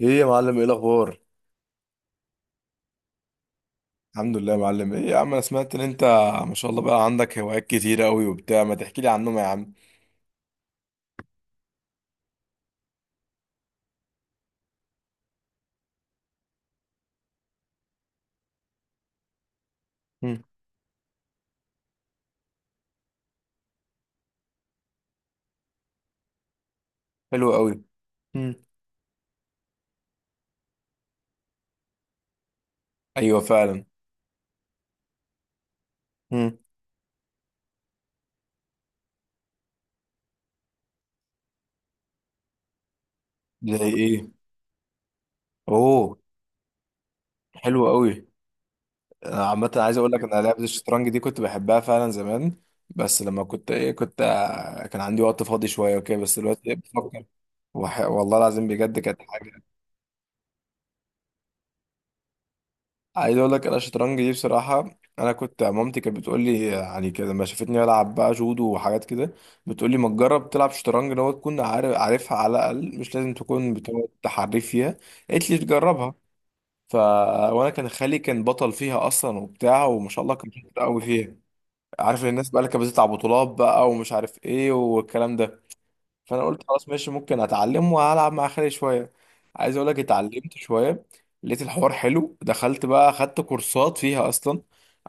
ايه يا معلم، ايه الاخبار؟ الحمد لله يا معلم. ايه يا عم، انا سمعت ان انت ما شاء الله بقى عندك هوايات كتيره قوي وبتاع، ما تحكي لي عنهم يا عم. مم. حلو قوي. مم. ايوه فعلا. مم. زي ايه؟ اوه، حلو قوي. انا عامه عايز اقول لك، انا لعبه الشطرنج دي كنت بحبها فعلا زمان، بس لما كنت ايه، كنت كان عندي وقت فاضي شويه وكده، بس دلوقتي إيه، بفكر. والله العظيم بجد كانت حاجه. عايز اقول لك انا الشطرنج دي بصراحه، انا كنت مامتي كانت بتقول لي يعني كده لما شافتني بلعب بقى جودو وحاجات كده، بتقول لي ما تجرب تلعب شطرنج، لو تكون عارف عارفها على الاقل، مش لازم تكون بتقعد تحريف فيها. قالت لي تجربها. ف وانا كان خالي كان بطل فيها اصلا وبتاع، وما شاء الله كان شاطر قوي فيها. عارف الناس بقى اللي كانت بتطلع بطولات بقى ومش عارف ايه والكلام ده. فانا قلت خلاص ماشي، ممكن اتعلم والعب مع خالي شويه. عايز اقول لك اتعلمت شويه، لقيت الحوار حلو، دخلت بقى اخدت كورسات فيها اصلا،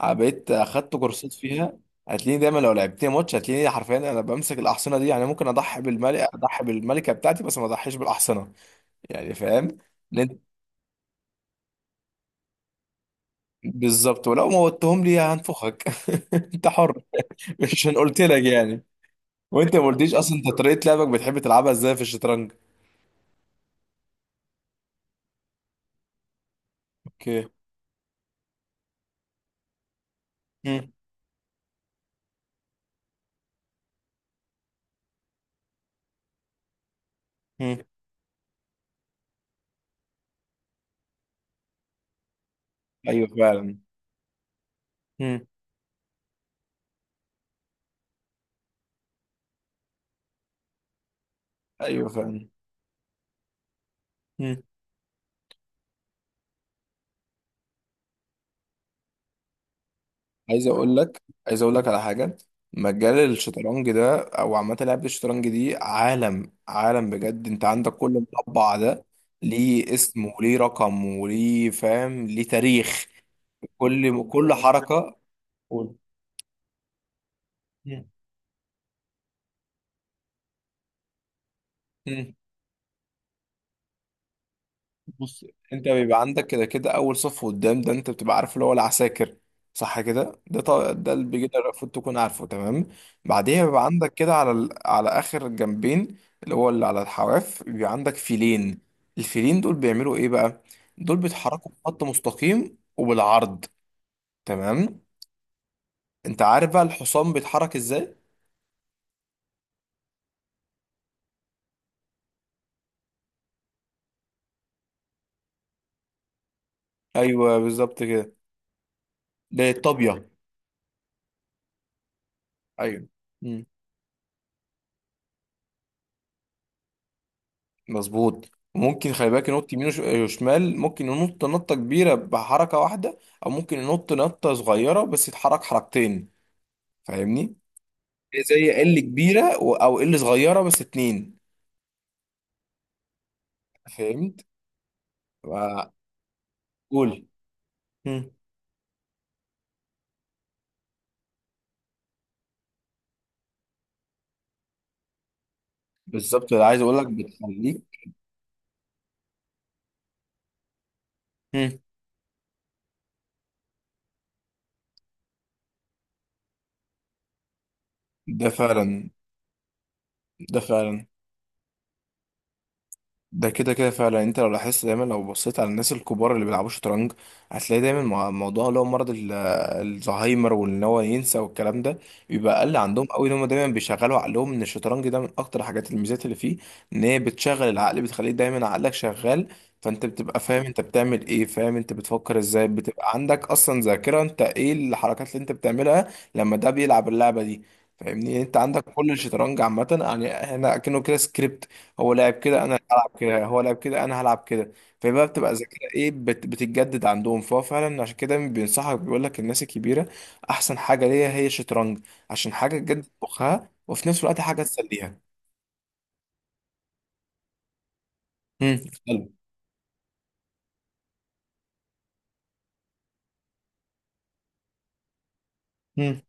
بقيت اخدت كورسات فيها. هتلاقيني دايما لو لعبتني ماتش، هتلاقيني حرفيا انا بمسك الاحصنه دي. يعني ممكن اضحي بالملكه، اضحي بالملكه بتاعتي، بس ما اضحيش بالاحصنه. يعني فاهم. لأن- بالظبط، ولو موتهم لي هنفخك. انت حر. مش عشان قلت لك يعني. وانت ما قلتليش اصلا، انت طريقه لعبك بتحب تلعبها ازاي في الشطرنج؟ اوكي. مم. مم. ايوه فعلا. مم. ايوه فعلا. مم. عايز اقول لك عايز اقول لك على حاجه. مجال الشطرنج ده او عامه لعبه الشطرنج دي عالم، عالم بجد. انت عندك كل مربع ده ليه اسم وليه رقم وليه فاهم ليه تاريخ. كل حركه. قول. مم. مم. بص، انت بيبقى عندك كده كده اول صف قدام ده انت بتبقى عارف اللي هو العساكر. صح كده. ده ده اللي بيجي ده المفروض تكون عارفه تمام. بعديها بيبقى عندك كده على على اخر الجنبين، اللي هو اللي على الحواف، بيبقى عندك فيلين. الفيلين دول بيعملوا ايه بقى؟ دول بيتحركوا بخط مستقيم وبالعرض. تمام. انت عارف بقى الحصان بيتحرك ازاي؟ ايوه بالظبط كده. ده الطابية. ايوه. مم. مظبوط. ممكن خلي بالك، ينط يمين وشمال. ممكن ينط نطة كبيرة بحركة واحدة، أو ممكن ينط نطة صغيرة بس يتحرك حركتين. فاهمني؟ زي ال كبيرة أو ال صغيرة بس اتنين. فهمت. ف- قول. مم. بالظبط، اللي عايز أقول لك بتخليك. مم. ده فعلا. ده فعلا. ده كده كده فعلا. يعني انت لو لاحظت دايما لو بصيت على الناس الكبار اللي بيلعبوا شطرنج، هتلاقي دايما موضوع اللي هو مرض الزهايمر وان هو ينسى والكلام ده بيبقى اقل عندهم قوي. ان هم دايما بيشغلوا عقلهم، ان الشطرنج ده من اكتر حاجات الميزات اللي فيه ان هي بتشغل العقل، بتخليه دايما عقلك شغال. فانت بتبقى فاهم انت بتعمل ايه، فاهم انت بتفكر ازاي، بتبقى عندك اصلا ذاكرة انت ايه الحركات اللي انت بتعملها لما ده بيلعب اللعبة دي. فاهمني. يعني انت عندك كل الشطرنج عامة، يعني هنا كأنه كده سكريبت. هو لعب كده، انا هلعب كده، هو لعب كده، انا هلعب كده. فبقى بتبقى ذاكره ايه، بتتجدد عندهم. فهو فعلا عشان كده بينصحك، بيقول لك الناس الكبيره احسن حاجه ليها هي الشطرنج، عشان حاجه تجدد مخها، وفي نفس الوقت حاجه تسليها. امم. حلو. امم.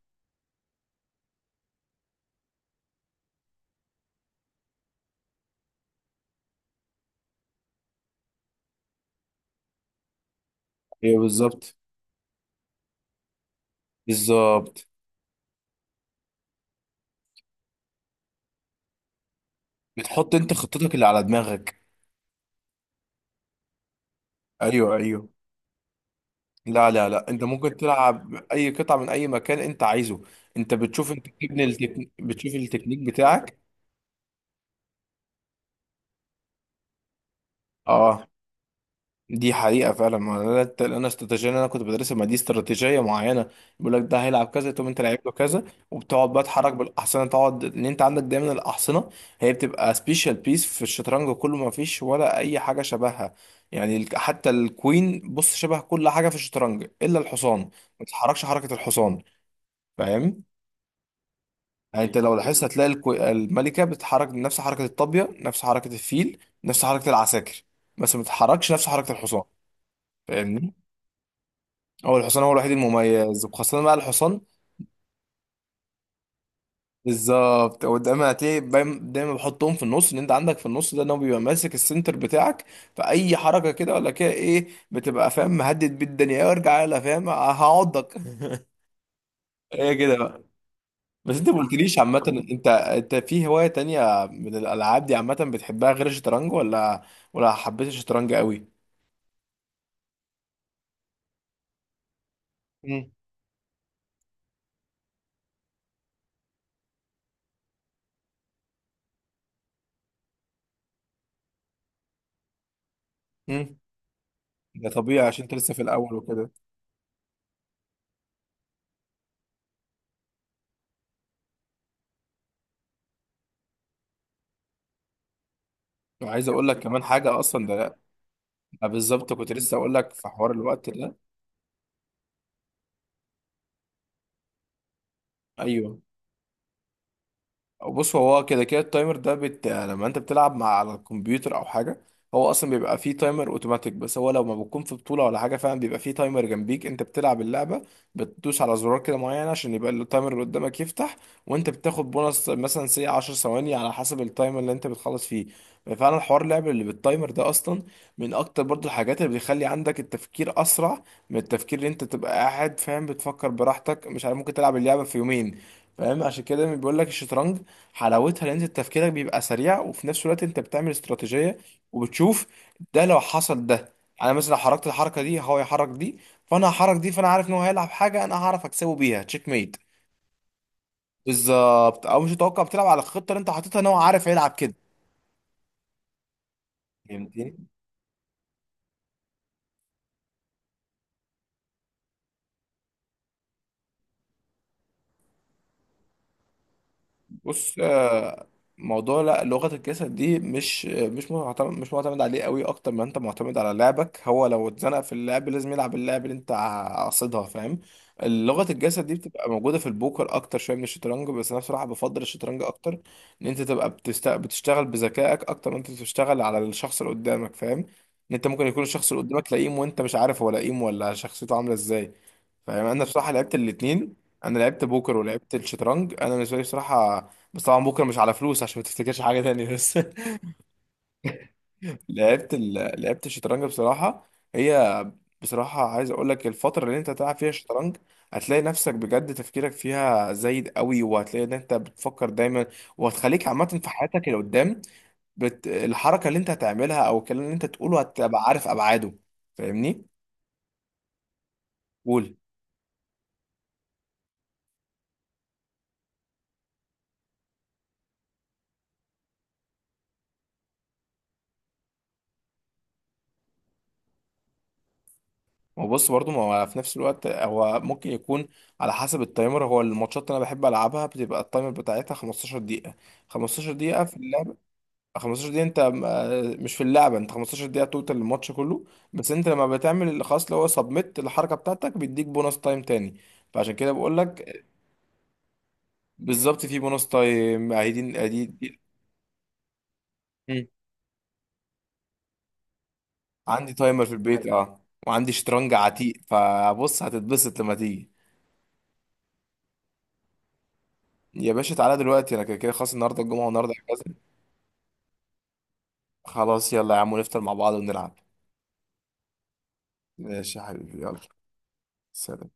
ايوه بالظبط. بالظبط، بتحط انت خطتك اللي على دماغك. ايوه. لا، انت ممكن تلعب اي قطعه من اي مكان انت عايزه. انت بتشوف، انت بتشوف التكنيك بتاعك. اه، دي حقيقة فعلا. ما انا انا استراتيجية اللي انا كنت بدرسها، ما دي استراتيجية معينة. بيقول لك ده هيلعب كذا، تقوم انت لعيب له كذا. وبتقعد بقى تحرك بالاحصنة، تقعد ان انت عندك دايما الاحصنة هي بتبقى سبيشال بيس في الشطرنج كله، ما فيش ولا اي حاجة شبهها. يعني حتى الكوين، بص شبه كل حاجة في الشطرنج الا الحصان، ما بتتحركش حركة الحصان. فاهم. يعني انت مم. لو لاحظت هتلاقي الملكة بتتحرك نفس حركة الطابية، نفس حركة الفيل، نفس حركة العساكر، بس ما بتتحركش نفس حركة الحصان. فاهمني. هو الحصان هو الوحيد المميز، وخاصة بقى الحصان. بالظبط، ودايما هتلاقي دايما بحطهم في النص، ان انت عندك في النص ده ان هو بيبقى ماسك السنتر بتاعك. فاي حركة كده ولا كده ايه، بتبقى فاهم مهدد بيه الدنيا، وارجع يلا فاهم، هعضك. هي كده بقى. بس انت ما قلتليش عامة، انت في هواية تانية من الالعاب دي عامة بتحبها غير الشطرنج، ولا ولا حبيت الشطرنج قوي؟ امم. امم. ده طبيعي، عشان انت لسه في الاول وكده. وعايز اقول لك كمان حاجة اصلا ده، ما بالظبط كنت لسه اقول لك في حوار الوقت ده. ايوه. بص، هو كده كده التايمر ده لما انت بتلعب مع على الكمبيوتر او حاجه، هو اصلا بيبقى فيه تايمر اوتوماتيك. بس هو لو ما بتكون في بطوله ولا حاجه، فعلا بيبقى فيه تايمر جنبيك انت بتلعب اللعبه، بتدوس على زرار كده معين عشان يبقى التايمر اللي قدامك يفتح. وانت بتاخد بونص مثلا سي 10 ثواني على حسب التايمر اللي انت بتخلص فيه. فعلا حوار اللعب اللي بالتايمر ده اصلا من اكتر برضو الحاجات اللي بتخلي عندك التفكير اسرع، من التفكير اللي انت تبقى قاعد فاهم بتفكر براحتك مش عارف ممكن تلعب اللعبه في يومين. فاهم. عشان كده بيقول لك الشطرنج حلاوتها، لان انت تفكيرك بيبقى سريع، وفي نفس الوقت انت بتعمل استراتيجيه وبتشوف. ده لو حصل ده، انا مثلا لو حركت الحركه دي هو يحرك دي، فانا هحرك دي، فانا عارف ان هو هيلعب حاجه انا هعرف اكسبه بيها تشيك ميت. بالظبط، او مش متوقع، بتلعب على الخطه اللي انت حاططها ان هو عارف هيلعب كده. فهمتني. بص موضوع لا، لغة الجسد دي مش معتمد عليه قوي اكتر ما انت معتمد على لعبك. هو لو اتزنق في اللعب لازم يلعب اللعب اللي انت قاصدها، فاهم. لغة الجسد دي بتبقى موجودة في البوكر اكتر شوية من الشطرنج، بس انا بصراحة بفضل الشطرنج اكتر. ان انت تبقى بتشتغل بذكائك اكتر ما انت بتشتغل على الشخص اللي قدامك. فاهم، ان انت ممكن يكون الشخص اللي قدامك لئيم وانت مش عارف هو لئيم ولا شخصيته عاملة ازاي. فاهم. انا بصراحة لعبت الاتنين، انا لعبت بوكر ولعبت الشطرنج. انا بالنسبة لي بصراحة، بس طبعا بكره مش على فلوس عشان ما تفتكرش حاجه تانية، بس. لعبت الشطرنج بصراحه، هي بصراحه عايز اقول لك، الفتره اللي انت تلعب فيها الشطرنج هتلاقي نفسك بجد تفكيرك فيها زايد قوي، وهتلاقي ان انت بتفكر دايما. وهتخليك عامه في حياتك اللي قدام، الحركه اللي انت هتعملها او الكلام اللي انت تقوله هتبقى عارف ابعاده. فاهمني. قول. هو بص، برضه ما هو في نفس الوقت، هو ممكن يكون على حسب التايمر. هو الماتشات اللي انا بحب العبها بتبقى التايمر بتاعتها 15 دقيقة. 15 دقيقة في اللعبة. 15 دقيقة انت مش في اللعبة، انت 15 دقيقة توتال الماتش كله. بس انت لما بتعمل اللي خلاص اللي هو سبميت الحركة بتاعتك بيديك بونص تايم تاني، فعشان كده بقول لك. بالظبط، في بونص تايم، قاعدين. مم. عندي تايمر في البيت اه، وعندي شطرنج عتيق، فبص هتتبسط لما تيجي. يا باشا تعالى دلوقتي، انا كده كده خلاص، النهارده الجمعة والنهارده. خلاص يلا يا عم، نفطر مع بعض ونلعب. ماشي يا حبيبي، يلا. سلام.